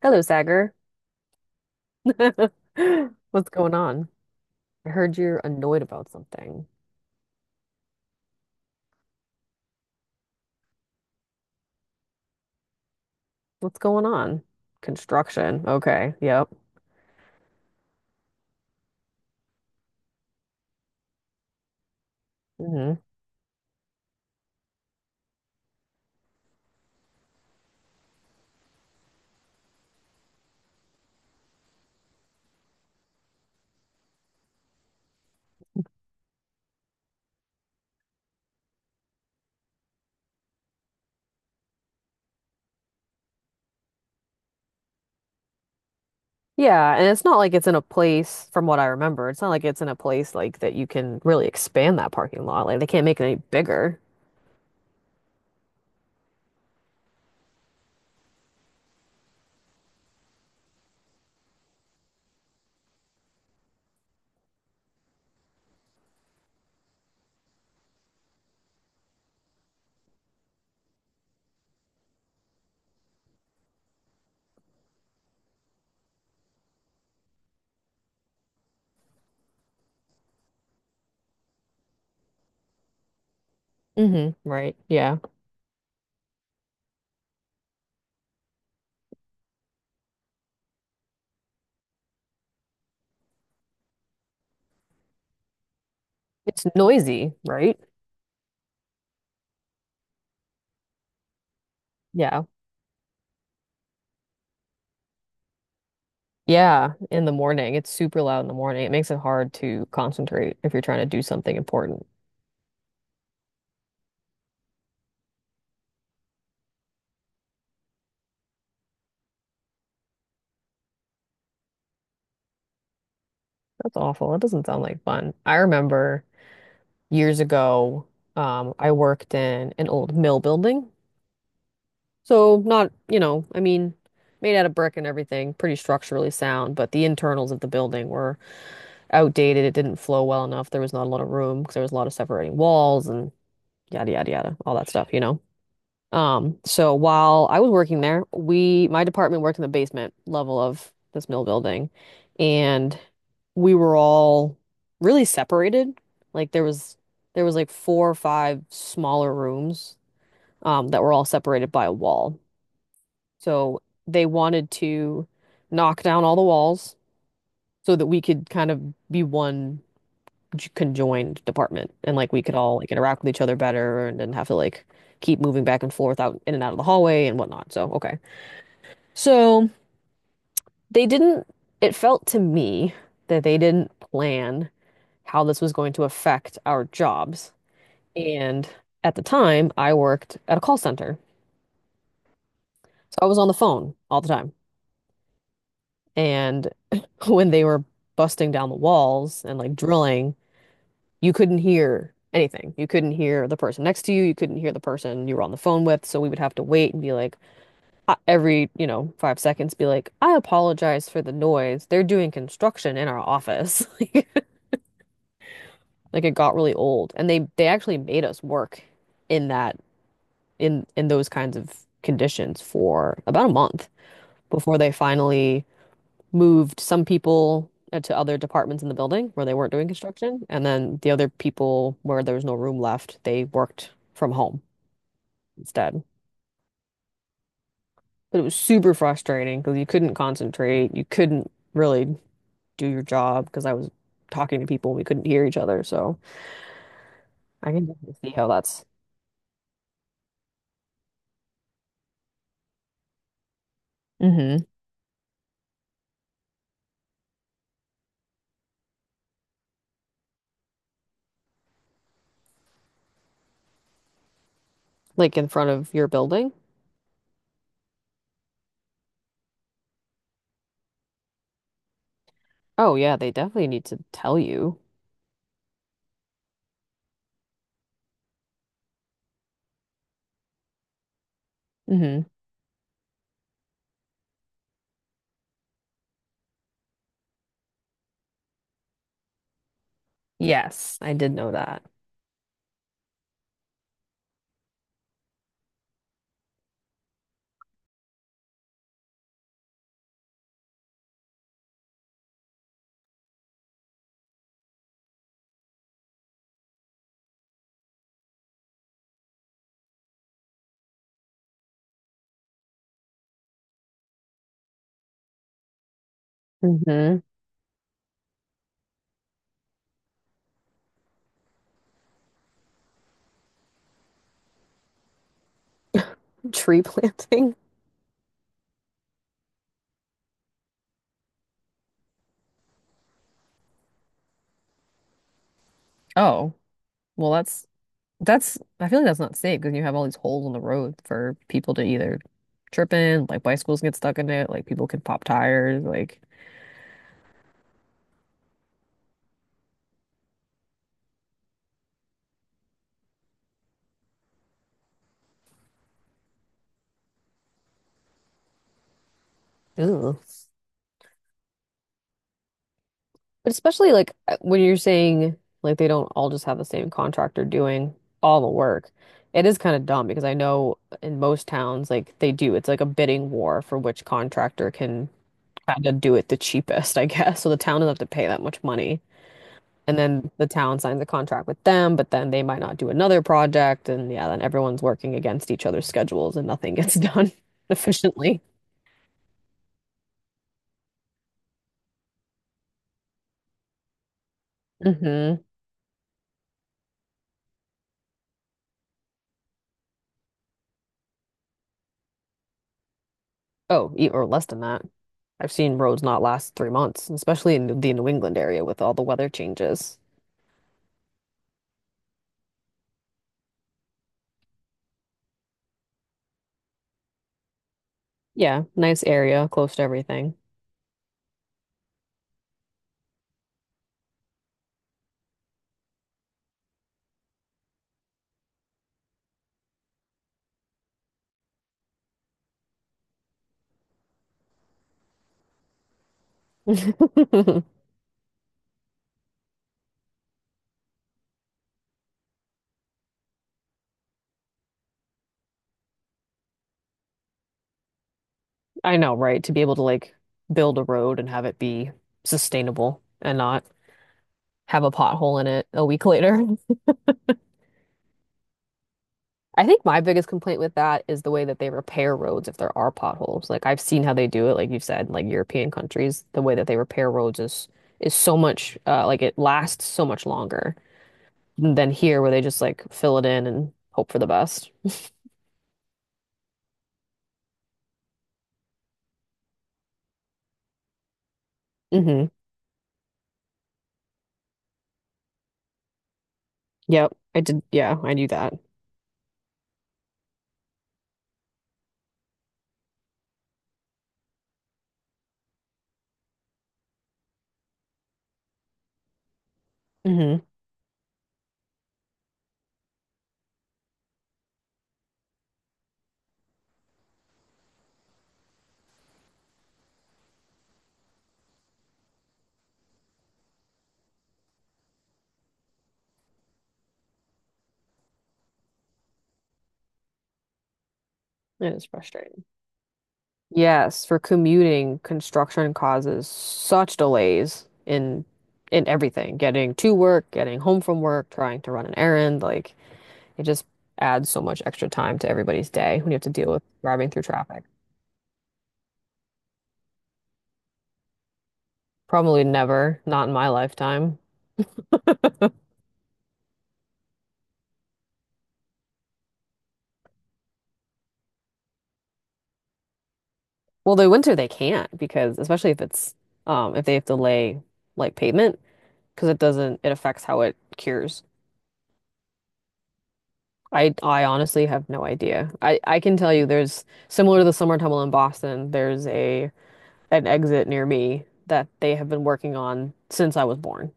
Hello, Sagar. What's going on? I heard you're annoyed about something. What's going on? Construction. Okay. Yep. hmm Yeah, and it's not like it's in a place, from what I remember, it's not like it's in a place like that you can really expand that parking lot. Like they can't make it any bigger. Hmm Right. Yeah. It's noisy, right? Yeah. Yeah, in the morning. It's super loud in the morning. It makes it hard to concentrate if you're trying to do something important. That's awful. That doesn't sound like fun. I remember years ago, I worked in an old mill building. So not, you know, I mean, made out of brick and everything, pretty structurally sound, but the internals of the building were outdated. It didn't flow well enough. There was not a lot of room because there was a lot of separating walls and yada, yada, yada, all that stuff, you know? So while I was working there, we my department worked in the basement level of this mill building, and we were all really separated. Like there was like four or five smaller rooms that were all separated by a wall. So they wanted to knock down all the walls so that we could kind of be one conjoined department, and like we could all like interact with each other better and didn't have to like keep moving back and forth out in and out of the hallway and whatnot. So, okay. So they didn't, it felt to me that they didn't plan how this was going to affect our jobs. And at the time, I worked at a call center. So I was on the phone all the time. And when they were busting down the walls and like drilling, you couldn't hear anything. You couldn't hear the person next to you. You couldn't hear the person you were on the phone with. So we would have to wait and be like, every, you know, 5 seconds, be like, I apologize for the noise. They're doing construction in our office. Like it got really old. And they actually made us work in that in those kinds of conditions for about a month before they finally moved some people to other departments in the building where they weren't doing construction, and then the other people where there was no room left, they worked from home instead. But it was super frustrating because you couldn't concentrate, you couldn't really do your job because I was talking to people, we couldn't hear each other. So I can definitely see how that's hmm like in front of your building. Oh yeah, they definitely need to tell you. Hmm Yes, I did know that. Hmm Tree planting. Oh, well, that's, I feel like that's not safe because you have all these holes in the road for people to either trip in, like bicycles get stuck in it, like people can pop tires, like, ooh. But especially like when you're saying like they don't all just have the same contractor doing all the work. It is kind of dumb because I know in most towns like they do. It's like a bidding war for which contractor can kind of do it the cheapest, I guess. So the town doesn't have to pay that much money. And then the town signs a contract with them, but then they might not do another project. And yeah, then everyone's working against each other's schedules and nothing gets done efficiently. Hmm Oh, or less than that. I've seen roads not last 3 months, especially in the New England area with all the weather changes. Yeah, nice area, close to everything. I know, right? To be able to like build a road and have it be sustainable and not have a pothole in it a week later. I think my biggest complaint with that is the way that they repair roads if there are potholes. Like I've seen how they do it, like you've said, like European countries, the way that they repair roads is so much like it lasts so much longer than here where they just like fill it in and hope for the best. Hmm. Yep. I did. Yeah, I knew that. Mm-hmm. It is frustrating. Yes, for commuting, construction causes such delays in everything, getting to work, getting home from work, trying to run an errand, like it just adds so much extra time to everybody's day when you have to deal with driving through traffic. Probably never, not in my lifetime. Well, the winter they can't because especially if it's if they have to lay like pavement because it doesn't it affects how it cures. I honestly have no idea. I can tell you there's similar to the summer tunnel in Boston, there's a an exit near me that they have been working on since I was born.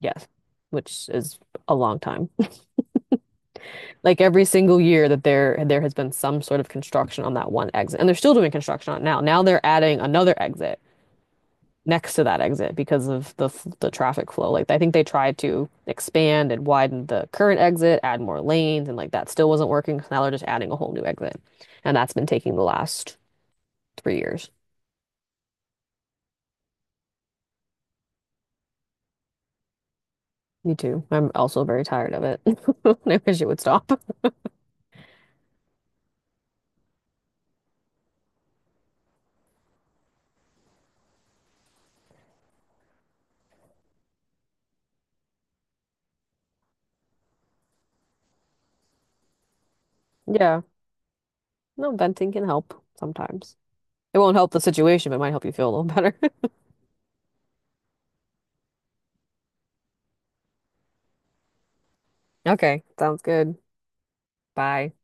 Yes, which is a long time. Like every single year that there has been some sort of construction on that one exit. And they're still doing construction on it now. Now they're adding another exit next to that exit because of the the traffic flow. Like I think they tried to expand and widen the current exit, add more lanes, and like that still wasn't working. So now they're just adding a whole new exit. And that's been taking the last 3 years. Me too. I'm also very tired of it. I wish it would stop. Yeah. No, venting can help sometimes. It won't help the situation, but it might help you feel a little better. Okay, sounds good. Bye.